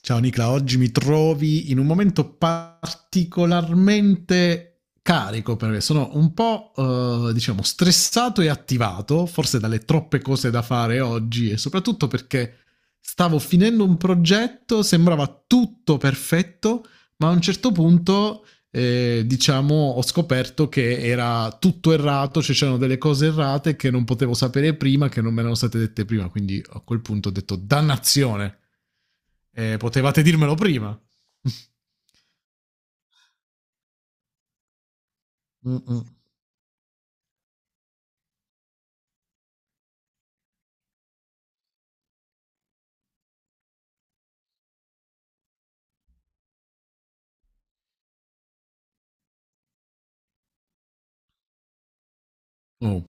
Ciao Nicla, oggi mi trovi in un momento particolarmente carico perché sono un po' diciamo stressato e attivato, forse dalle troppe cose da fare oggi e soprattutto perché stavo finendo un progetto, sembrava tutto perfetto, ma a un certo punto diciamo, ho scoperto che era tutto errato, cioè c'erano delle cose errate che non potevo sapere prima, che non me erano state dette prima. Quindi a quel punto ho detto, dannazione, potevate dirmelo prima. Mm-mm. Oh.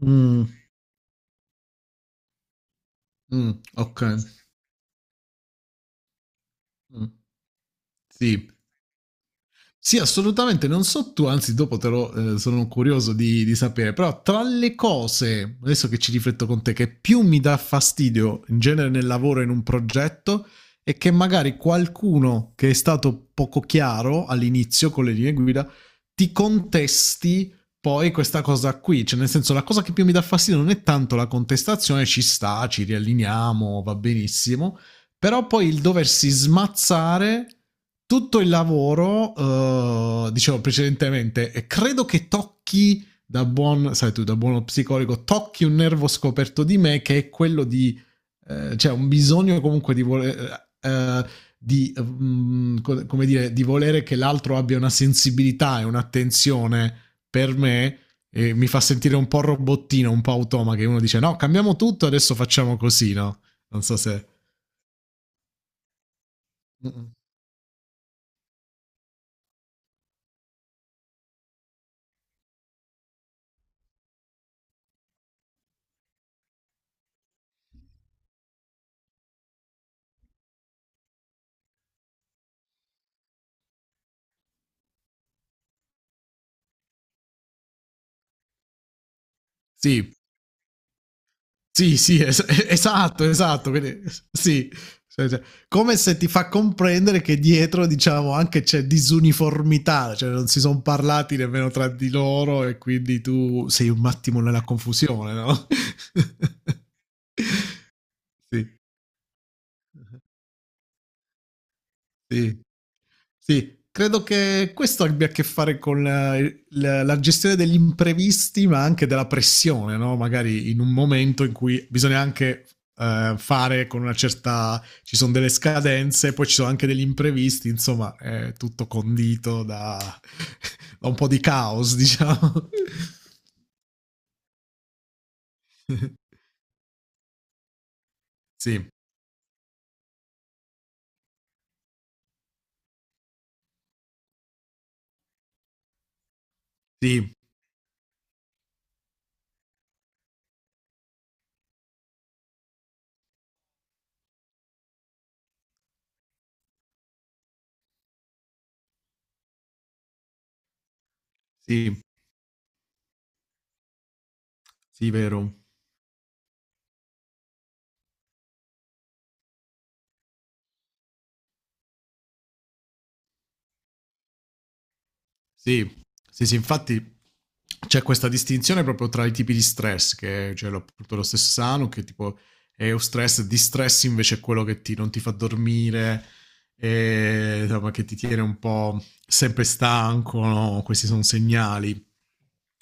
Mm. Mm, ok. Mm. Sì, sì, assolutamente, non so tu, anzi dopo te lo sono curioso di sapere, però tra le cose, adesso che ci rifletto con te, che più mi dà fastidio in genere nel lavoro in un progetto è che magari qualcuno che è stato poco chiaro all'inizio con le linee guida ti contesti poi questa cosa qui, cioè nel senso la cosa che più mi dà fastidio non è tanto la contestazione, ci sta, ci rialliniamo, va benissimo, però poi il doversi smazzare tutto il lavoro, dicevo precedentemente, e credo che tocchi da buon, sai tu, da buono psicologo, tocchi un nervo scoperto di me che è quello di, cioè un bisogno comunque di voler, di, come dire, di volere che l'altro abbia una sensibilità e un'attenzione per me e mi fa sentire un po' robottino, un po' automa, che uno dice no, cambiamo tutto, adesso facciamo così, no? Non so se... Mm-mm. Sì, sì, sì, esatto, esatto. Quindi, sì. Cioè, come se ti fa comprendere che dietro, diciamo, anche c'è disuniformità, cioè non si sono parlati nemmeno tra di loro e quindi tu sei un attimo nella confusione, no? Sì, sì. Sì, credo che questo abbia a che fare con la gestione degli imprevisti, ma anche della pressione, no? Magari in un momento in cui bisogna anche fare con una certa... ci sono delle scadenze, poi ci sono anche degli imprevisti, insomma, è tutto condito da, da un po' di caos, diciamo. Sì, sì, sì, sì, vero. Sì, sì, sì, infatti c'è questa distinzione proprio tra i tipi di stress, che c'è appunto lo stesso sano, che tipo è un stress, distress invece è quello che non ti fa dormire, e, insomma, che ti tiene un po' sempre stanco, no? Questi sono segnali,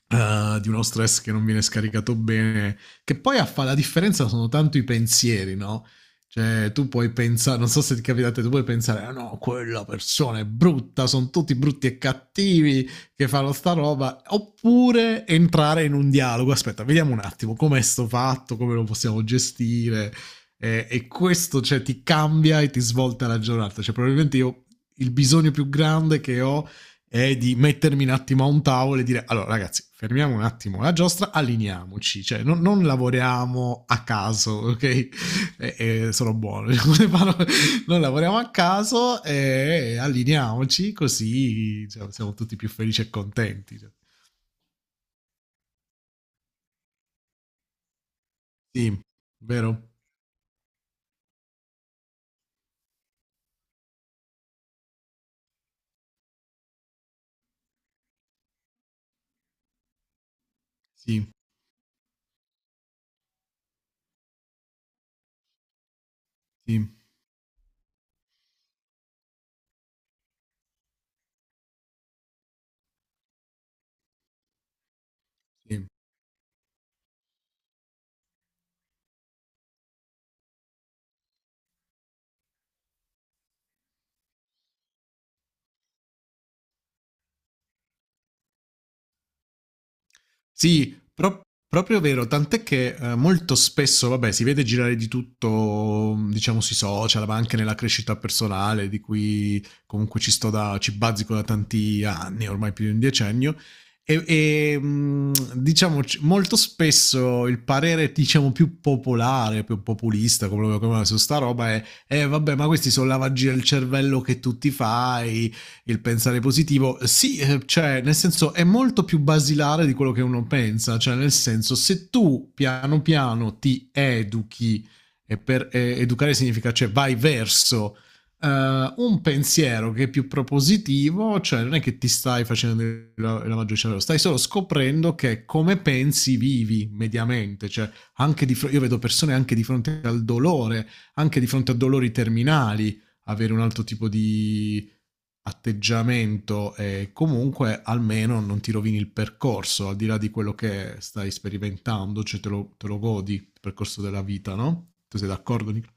di uno stress che non viene scaricato bene, che poi a fare la differenza sono tanto i pensieri, no? Cioè, tu puoi pensare, non so se ti capita a te, tu puoi pensare, ah no, quella persona è brutta, sono tutti brutti e cattivi che fanno sta roba, oppure entrare in un dialogo, aspetta, vediamo un attimo com'è sto fatto, come lo possiamo gestire, e questo, cioè, ti cambia e ti svolta la giornata, cioè, probabilmente io il bisogno più grande che ho è di mettermi un attimo a un tavolo e dire, allora ragazzi, fermiamo un attimo la giostra, allineiamoci, cioè, non lavoriamo a caso, ok? e, e sono buono. Noi lavoriamo a caso e allineiamoci così cioè, siamo tutti più felici e contenti. Sì, vero? Sì, sì, sì. Sì, proprio vero, tant'è che molto spesso, vabbè, si vede girare di tutto, diciamo, sui social, ma anche nella crescita personale, di cui comunque ci sto da, ci bazzico da tanti anni, ormai più di un decennio. E, e, diciamo molto spesso il parere diciamo più popolare, più populista, come su sta roba è vabbè, ma questi sono lavaggi del cervello che tu ti fai, il pensare positivo, sì, cioè, nel senso è molto più basilare di quello che uno pensa, cioè, nel senso, se tu piano piano ti educhi, e per educare significa, cioè, vai verso un pensiero che è più propositivo, cioè, non è che ti stai facendo la maggior cervello, stai solo scoprendo che come pensi vivi mediamente, cioè, io vedo persone anche di fronte al dolore, anche di fronte a dolori terminali, avere un altro tipo di atteggiamento e comunque almeno non ti rovini il percorso, al di là di quello che stai sperimentando, cioè te lo godi il percorso della vita, no? Tu sei d'accordo, Nicola?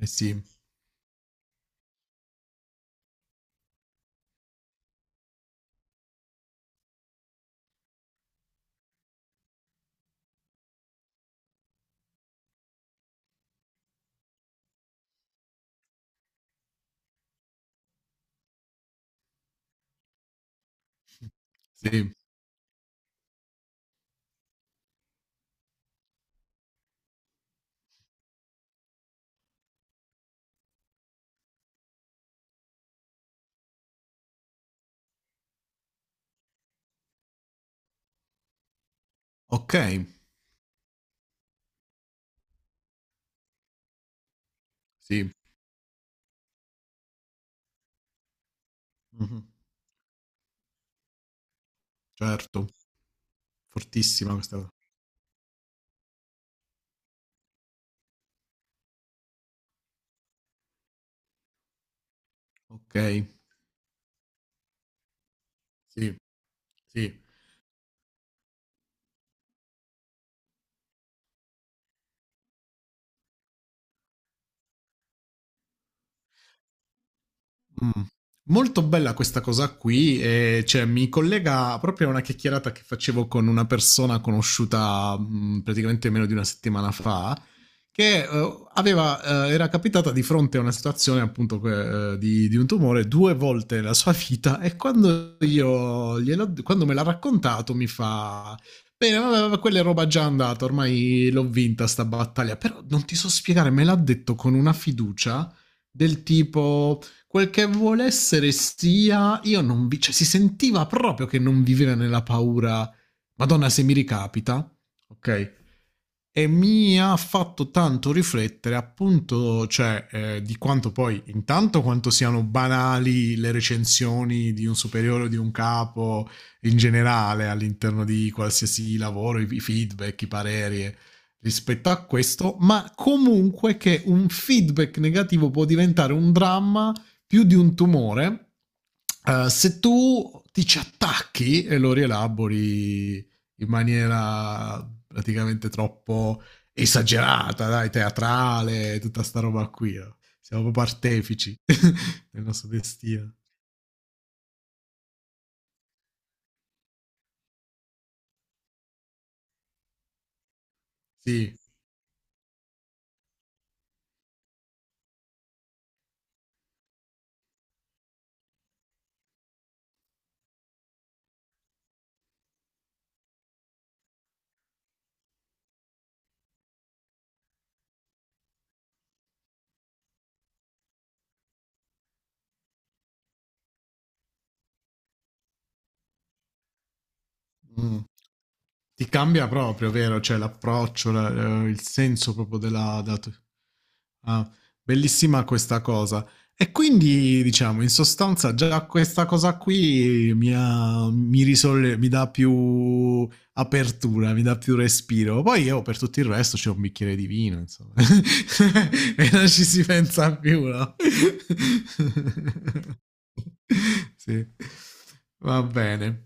Eh sì, sì, ok, sì, mhm, certo, fortissima questa cosa. Ok, sì, sì. Mm. Molto bella questa cosa qui, e, cioè, mi collega proprio a una chiacchierata che facevo con una persona conosciuta praticamente meno di una settimana fa, che aveva, era capitata di fronte a una situazione appunto di un tumore due volte nella sua vita e quando me l'ha raccontato mi fa... Bene, vabbè, quella è roba già andata, ormai l'ho vinta sta battaglia, però non ti so spiegare, me l'ha detto con una fiducia del tipo, quel che vuole essere sia, io non vi, cioè, si sentiva proprio che non viveva nella paura, madonna se mi ricapita, ok? E mi ha fatto tanto riflettere appunto, cioè, di quanto poi, intanto quanto siano banali le recensioni di un superiore o di un capo in generale all'interno di qualsiasi lavoro, i feedback, i pareri rispetto a questo, ma comunque che un feedback negativo può diventare un dramma più di un tumore, se tu ti ci attacchi e lo rielabori in maniera praticamente troppo esagerata, dai, teatrale, tutta sta roba qui, no? Siamo proprio artefici del nostro destino. Sì. Mm. Ti cambia proprio, vero? Cioè l'approccio, il senso proprio Ah, bellissima questa cosa. E quindi, diciamo, in sostanza già questa cosa qui mi dà più apertura, mi dà più respiro. Poi io per tutto il resto c'è un bicchiere di vino, insomma. E non ci si pensa più, no? Sì. Va bene.